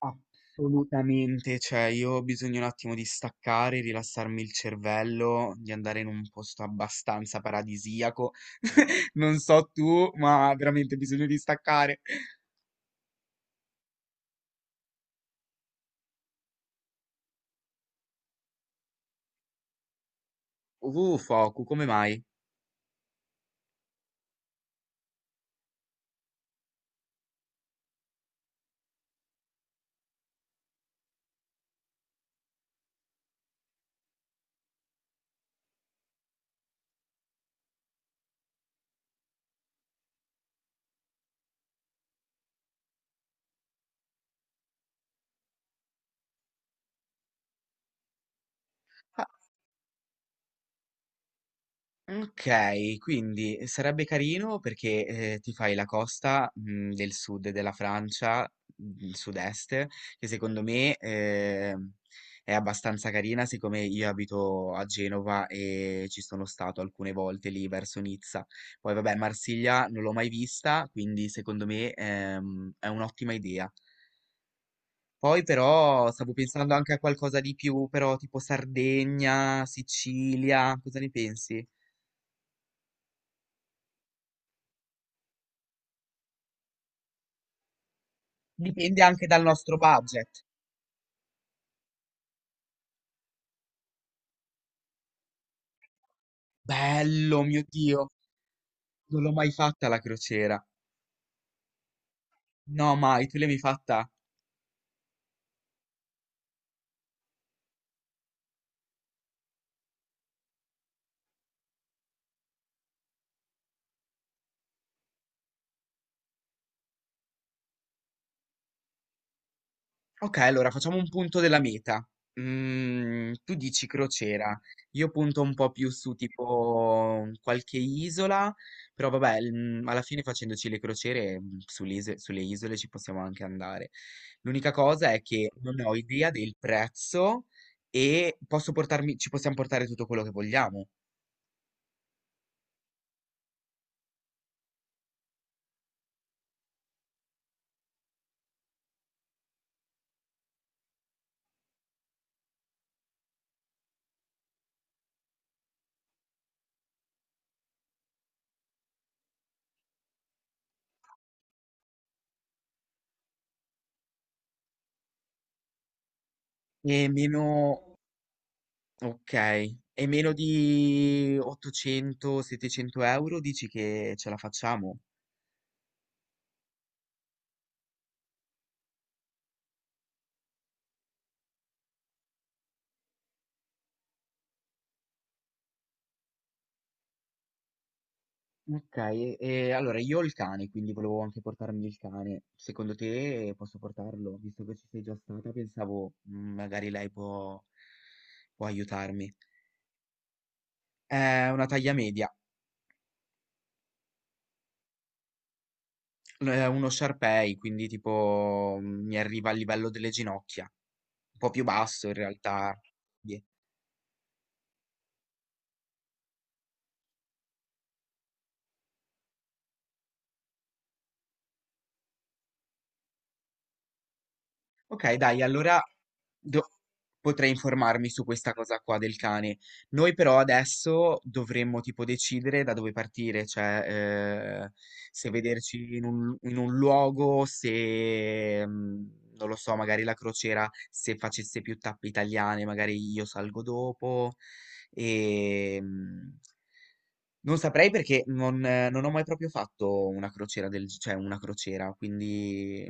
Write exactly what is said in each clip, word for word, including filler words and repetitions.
Assolutamente, cioè io ho bisogno un attimo di staccare, rilassarmi il cervello, di andare in un posto abbastanza paradisiaco. Non so tu, ma veramente ho bisogno di staccare. Uh, Foku, come mai? Okay, quindi, ehm, sarebbe carino perché, ehm, ti fai la costa, mhmm, del sud della Francia, mhmm, sud-est, che secondo me, ehm, è abbastanza carina, siccome io abito a Genova e ci sono stato alcune volte lì verso Nizza. Poi vabbè Marsiglia non l'ho mai vista, quindi secondo me, ehm, è un'ottima idea. Poi però stavo pensando anche a qualcosa di più, però tipo Sardegna, Sicilia, cosa ne pensi? Dipende anche dal nostro budget. Bello, mio Dio, non l'ho mai fatta la crociera. No, mai, tu l'hai mai fatta? Ok, allora facciamo un punto della meta. Mm, tu dici crociera, io punto un po' più su tipo qualche isola, però vabbè, mm, alla fine facendoci le crociere mm, sulle ise- sulle isole ci possiamo anche andare. L'unica cosa è che non ho idea del prezzo e posso portarmi, ci possiamo portare tutto quello che vogliamo. E meno Okay. E meno di ottocento, settecento euro dici che ce la facciamo? Okay. E e allora io ho il cane, quindi volevo anche portarmi il cane. Secondo te posso portarlo? Visto che ci sei già stata pensavo, mhmm, magari lei può può aiutarmi. È una taglia media, l è uno Shar Pei, quindi tipo, mhmm, mi arriva al livello delle ginocchia, un po' più basso in realtà. Di Ok, dai, allora do- potrei informarmi su questa cosa qua del cane. Noi però adesso dovremmo tipo decidere da dove partire, cioè eh, se vederci in un, in un luogo, se mm, non lo so, magari la crociera, se facesse più tappe italiane, magari io salgo dopo. E, mm, non saprei perché non, eh, non ho mai proprio fatto una crociera del, cioè una crociera, quindi.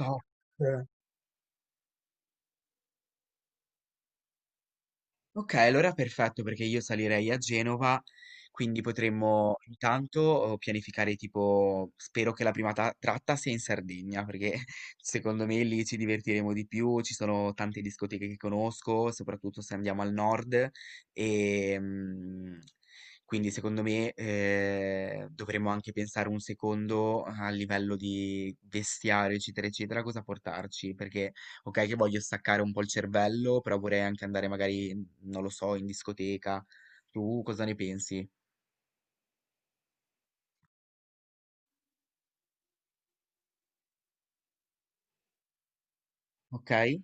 No. Ok, allora perfetto perché io salirei a Genova, quindi potremmo intanto eh, pianificare tipo, spero che la prima ta- tratta sia in Sardegna, perché secondo me lì ci divertiremo di più, ci sono tante discoteche che conosco, soprattutto se andiamo al nord e mm, quindi secondo me eh, dovremmo anche pensare un secondo a livello di vestiario, eccetera, eccetera, cosa portarci, perché ok che voglio staccare un po' il cervello, però vorrei anche andare magari non lo so, in discoteca. Tu cosa ne pensi? Ok?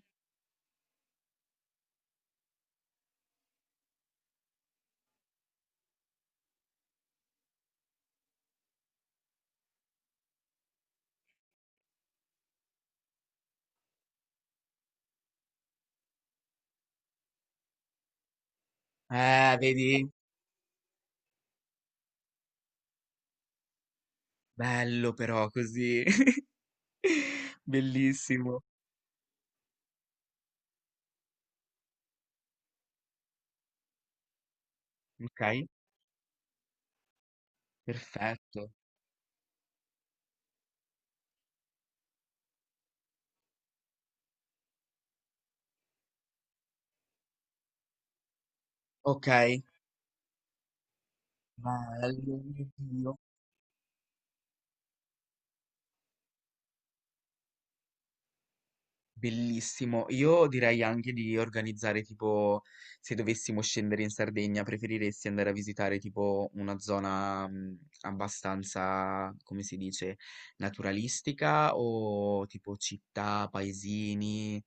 Eh, vedi? Bello però così. Bellissimo. Ok, perfetto. Ok, bello, mio Dio. Bellissimo. Io direi anche di organizzare tipo, se dovessimo scendere in Sardegna, preferiresti andare a visitare tipo una zona mh, abbastanza, come si dice, naturalistica o tipo città, paesini?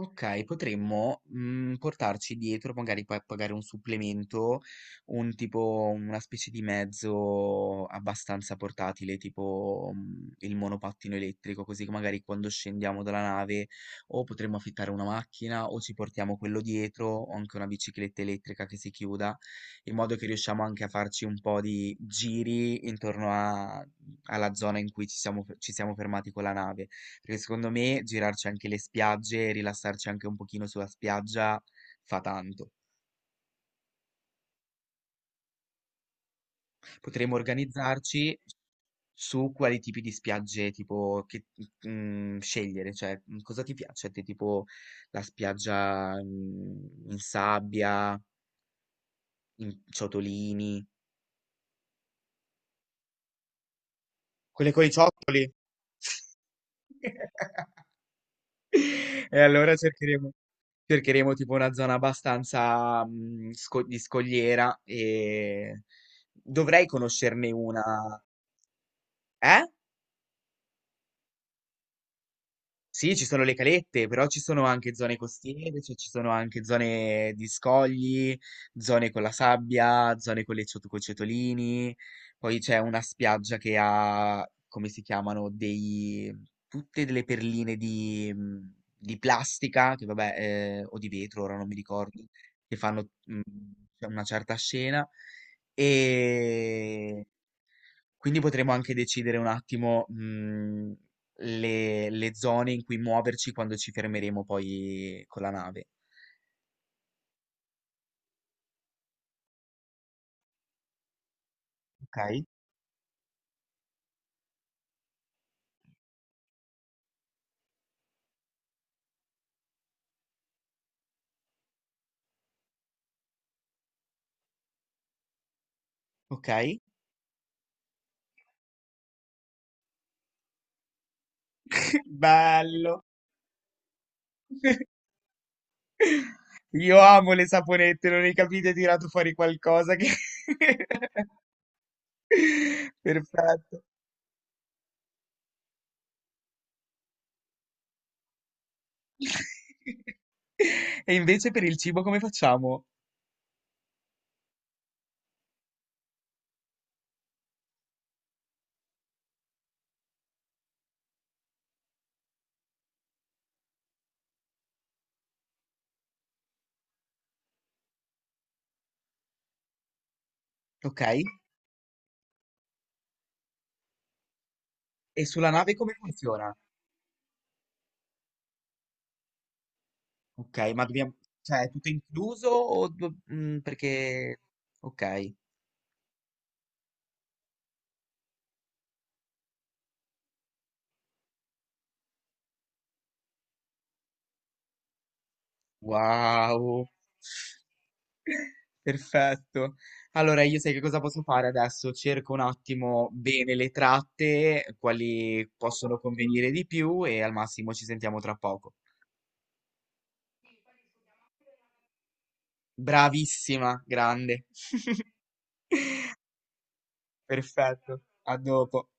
Okay, potremmo, mhmm, portarci dietro, magari poi a pagare un supplemento, un tipo una specie di mezzo abbastanza portatile, tipo, mhmm, il monopattino elettrico, così che magari quando scendiamo dalla nave o potremmo affittare una macchina o ci portiamo quello dietro o anche una bicicletta elettrica che si chiuda, in modo che riusciamo anche a farci un po' di giri intorno a alla zona in cui ci siamo f ci siamo fermati con la nave. Perché secondo me girarci anche le spiagge, rilassarci anche un pochino sulla spiaggia fa tanto. Potremmo organizzarci su quali tipi di spiagge tipo che, mm, scegliere, cioè mm, cosa ti piace a te, tipo la spiaggia mm, in sabbia, in ciotolini. Quelle con i ciottoli. E allora cercheremo, cercheremo tipo una zona abbastanza mm, sco- di scogliera e dovrei conoscerne una. Eh? Sì, ci sono le calette, però ci sono anche zone costiere, cioè ci sono anche zone di scogli, zone con la sabbia, zone con le ciot- coi ciotolini. Poi c'è una spiaggia che ha, come si chiamano, dei, tutte delle perline di, mm, di plastica, che vabbè, eh, o di vetro, ora non mi ricordo, che fanno, mm, c'è una certa scena. E Quindi potremo anche decidere un attimo, mh, le, le zone in cui muoverci quando ci fermeremo poi con la nave. Ok? Ok? Bello! Io amo le saponette, non ne capite? Ho tirato fuori qualcosa che. Perfetto. E invece per il cibo come facciamo? Ok? E sulla nave come funziona? Ok, ma dobbiamo. Cioè, è tutto incluso o do- mm, perché. Ok. Wow, perfetto. Allora, io sai che cosa posso fare adesso? Cerco un attimo bene le tratte, quali possono convenire di più e al massimo ci sentiamo tra poco. Bravissima, grande. Perfetto, a dopo.